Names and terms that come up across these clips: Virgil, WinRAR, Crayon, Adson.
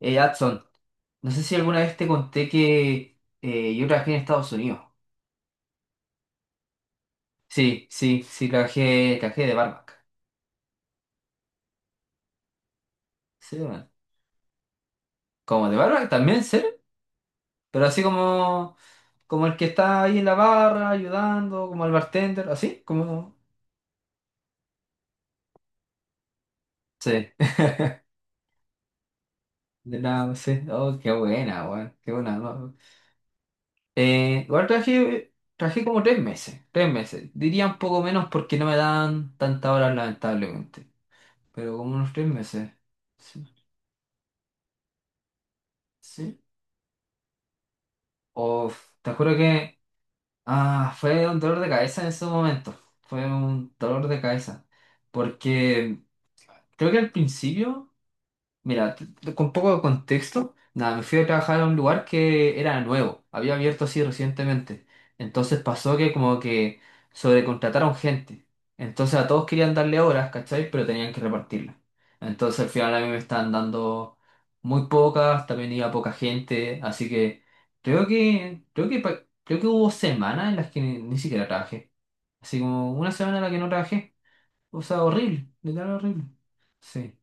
Adson, no sé si alguna vez te conté que yo trabajé en Estados Unidos. Sí, sí, sí, trabajé de barback. Sí, bueno. ¿Como de barback también, sí? Pero así como el que está ahí en la barra ayudando, como el bartender, así, como. Sí, de nada, sí. Oh, qué buena, weón, qué buena. No. Igual trabajé como tres meses, tres meses. Diría un poco menos porque no me dan tantas horas, lamentablemente. Pero como unos tres meses. Sí. Sí. Uf, te juro que fue un dolor de cabeza en ese momento. Fue un dolor de cabeza. Porque creo que al principio. Mira, con poco de contexto, nada, me fui a trabajar a un lugar que era nuevo, había abierto así recientemente. Entonces pasó que como que sobrecontrataron gente. Entonces a todos querían darle horas, ¿cachai? Pero tenían que repartirlas. Entonces al final a mí me estaban dando muy pocas, también iba poca gente, así que creo que hubo semanas en las que ni siquiera trabajé. Así como una semana en la que no trabajé. O sea, horrible, literal horrible. Sí.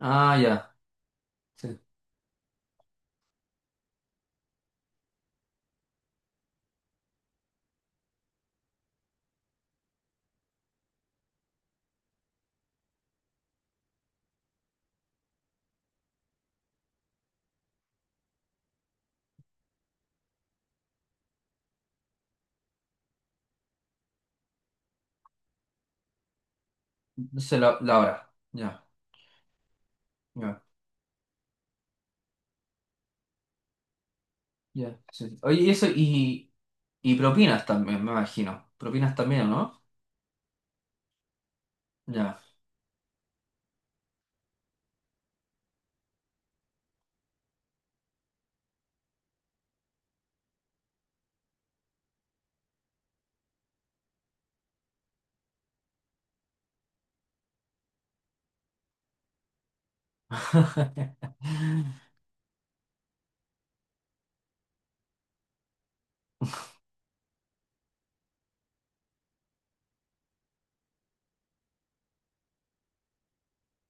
Ah, ya. Sí. Se la hora. Ya, ya, ya. Sí. Oye, y eso y propinas también, me imagino. Propinas también, ¿no? Ya.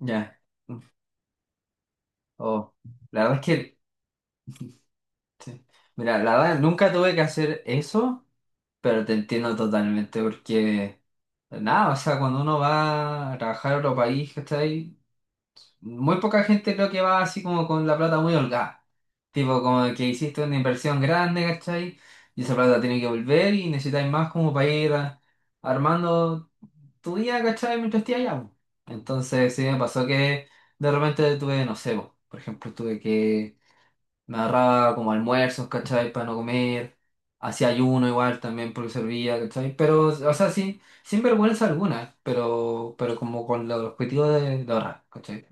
Ya. Oh. La verdad es que, sí. Mira, la verdad nunca tuve que hacer eso, pero te entiendo totalmente porque, nada, o sea, cuando uno va a trabajar a otro país, ¿cachai? Muy poca gente creo que va así como con la plata muy holgada. Tipo, como que hiciste una inversión grande, ¿cachai? Y esa plata tiene que volver y necesitáis más como para ir armando tu día, ¿cachai? Mientras estés allá, po. Entonces, sí me pasó que de repente tuve, no sé, po, por ejemplo, tuve que me agarraba como almuerzos, ¿cachai? Para no comer. Hacía ayuno igual también porque servía, ¿cachai? Pero, o sea, sí, sin vergüenza alguna, pero como con el objetivo de ahorrar, ¿cachai?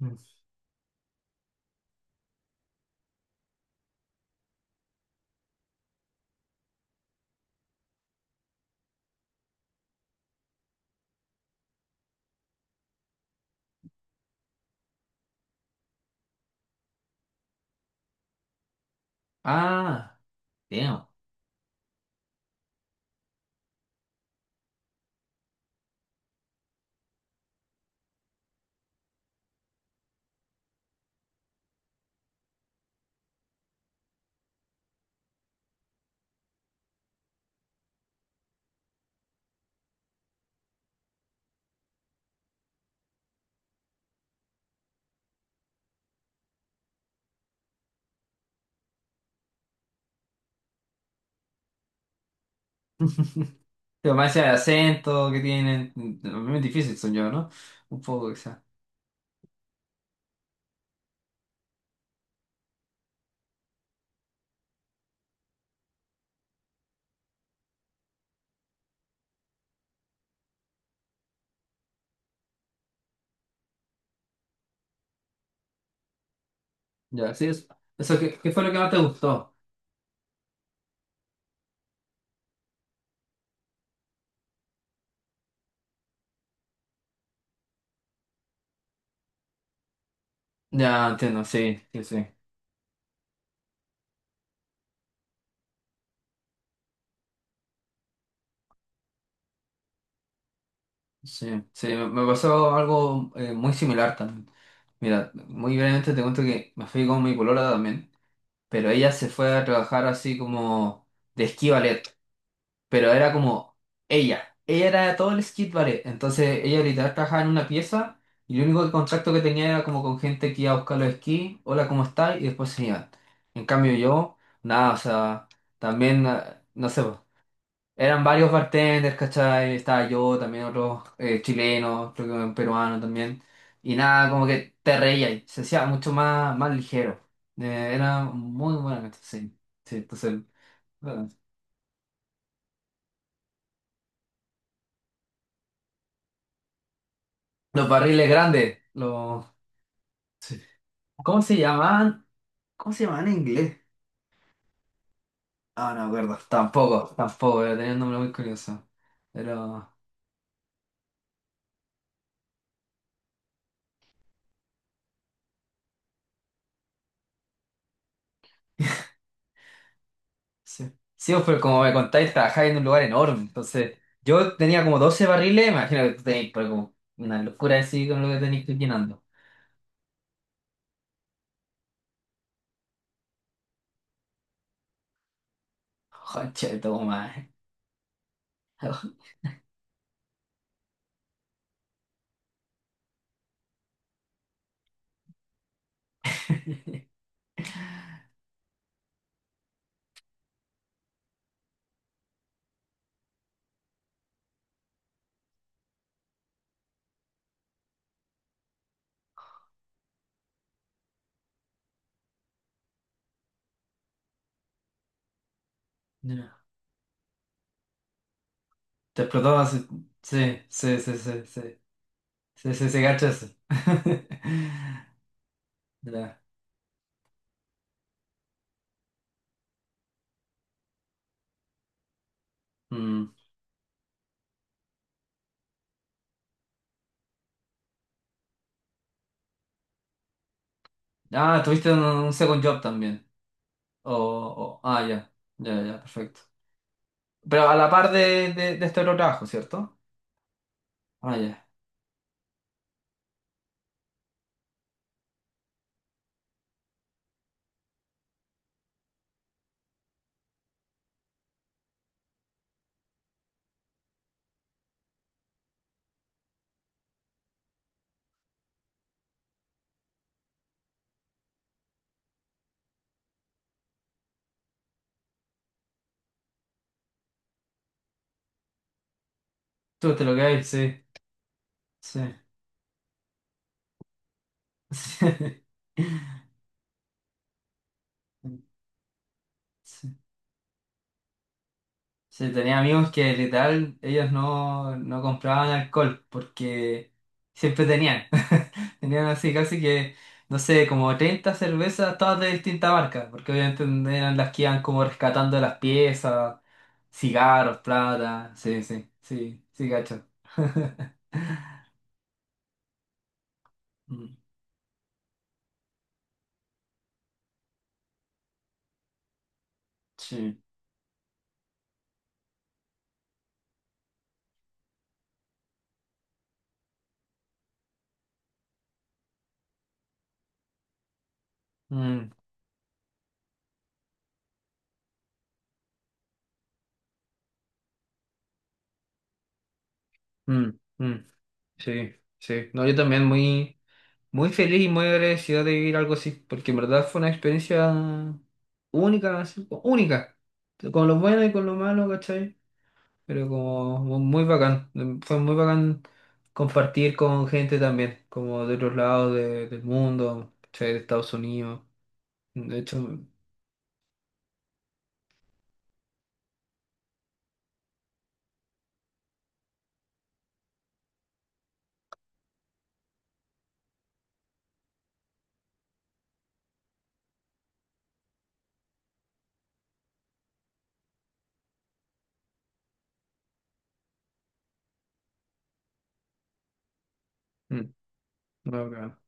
Mm. Ah, damn. Pero más allá de acento que tienen, es difícil son yo, ¿no? Un poco quizá. Ya, sí, eso, ¿qué fue lo que más te gustó? Ya, entiendo, sí, sí, sí. Sí, sí, me pasó algo muy similar también. Mira, muy brevemente te cuento que me fui con mi polola también, pero ella se fue a trabajar así como de esquí ballet. Pero era como ella. Ella era todo el skate ballet. Entonces ella literal trabajaba en una pieza y el único contacto que tenía era como con gente que iba a buscar los esquí, hola, ¿cómo estás? Y después se iban. En cambio yo, nada, o sea, también, no sé, po. Eran varios bartenders, ¿cachai? Estaba yo, también otros chilenos, creo que un peruano también. Y nada, como que te reía y se hacía mucho más ligero. Era muy buena, sí. Sí, entonces, bueno, los barriles grandes, los, sí. ¿Cómo se llamaban? ¿Cómo se llamaban en inglés? Ah, no me acuerdo. Tampoco, tampoco, pero tenía un nombre muy curioso. Pero, sí. Sí, pues, pero como me contáis, trabajáis en un lugar enorme. Entonces, yo tenía como 12 barriles, imagino que tú tenéis pero como una locura así con lo que tenéis que ir llenando. Joche, toma. Ya. Te explotó así. Sí, sí, sí, sí, sí. Sí, sí, sí, cacho eso. Ya. Mm. Ah, tuviste un second job también. Ya, ya, ya, perfecto. Pero a la par de este otro trabajo, ¿cierto? Ah, ya. Tú te lo que sí, sí. Sí. Sí, tenía amigos que literal ellos no compraban alcohol porque siempre tenían. Tenían así casi que, no sé, como 30 cervezas, todas de distinta marca, porque obviamente eran las que iban como rescatando de las piezas, cigarros, plata, sí, sí, sí, sí, cacho. Mm. Sí, mm, mm, mm, sí, sí. No, yo también muy, muy feliz y muy agradecido de vivir algo así, porque en verdad fue una experiencia única, así, única, con lo bueno y con lo malo, ¿cachai? Pero como muy bacán, fue muy bacán compartir con gente también, como de otros lados del mundo, ¿cachai? De Estados Unidos, de hecho, mm, muy bacán.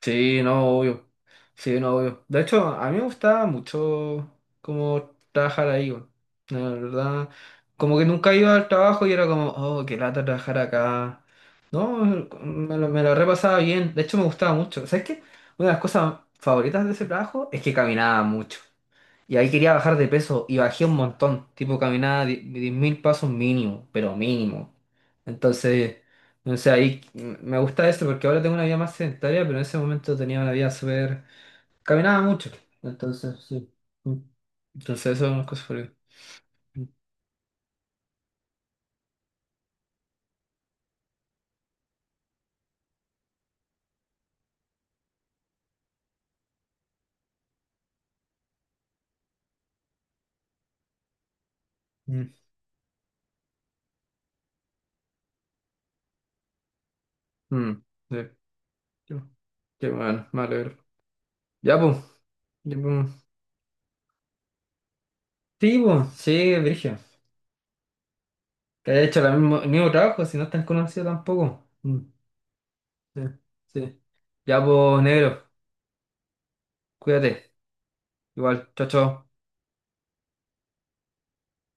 Sí, no, obvio. Sí, no, obvio. De hecho, a mí me gustaba mucho cómo trabajar ahí, weón. La verdad, como que nunca iba al trabajo y era como, oh, qué lata trabajar acá. No, me lo repasaba bien. De hecho, me gustaba mucho. ¿Sabes qué? Una de las cosas favoritas de ese trabajo es que caminaba mucho. Y ahí quería bajar de peso y bajé un montón, tipo caminaba 10.000 pasos mínimo, pero mínimo. Entonces, no sé, ahí me gusta eso porque ahora tengo una vida más sedentaria, pero en ese momento tenía una vida súper. Caminaba mucho, entonces, sí. Mm. Entonces, eso es una cosa por. Mm. Mm, mm. Sí. Qué bueno. Qué bueno, me alegro. Ya, pues. Ya, pues. Sí, pues, sí, Virgil. Que haya hecho el mismo trabajo, si no es tan conocido tampoco. Mm, sí, sí. Ya, pues, negro. Cuídate. Igual. Chao, chao.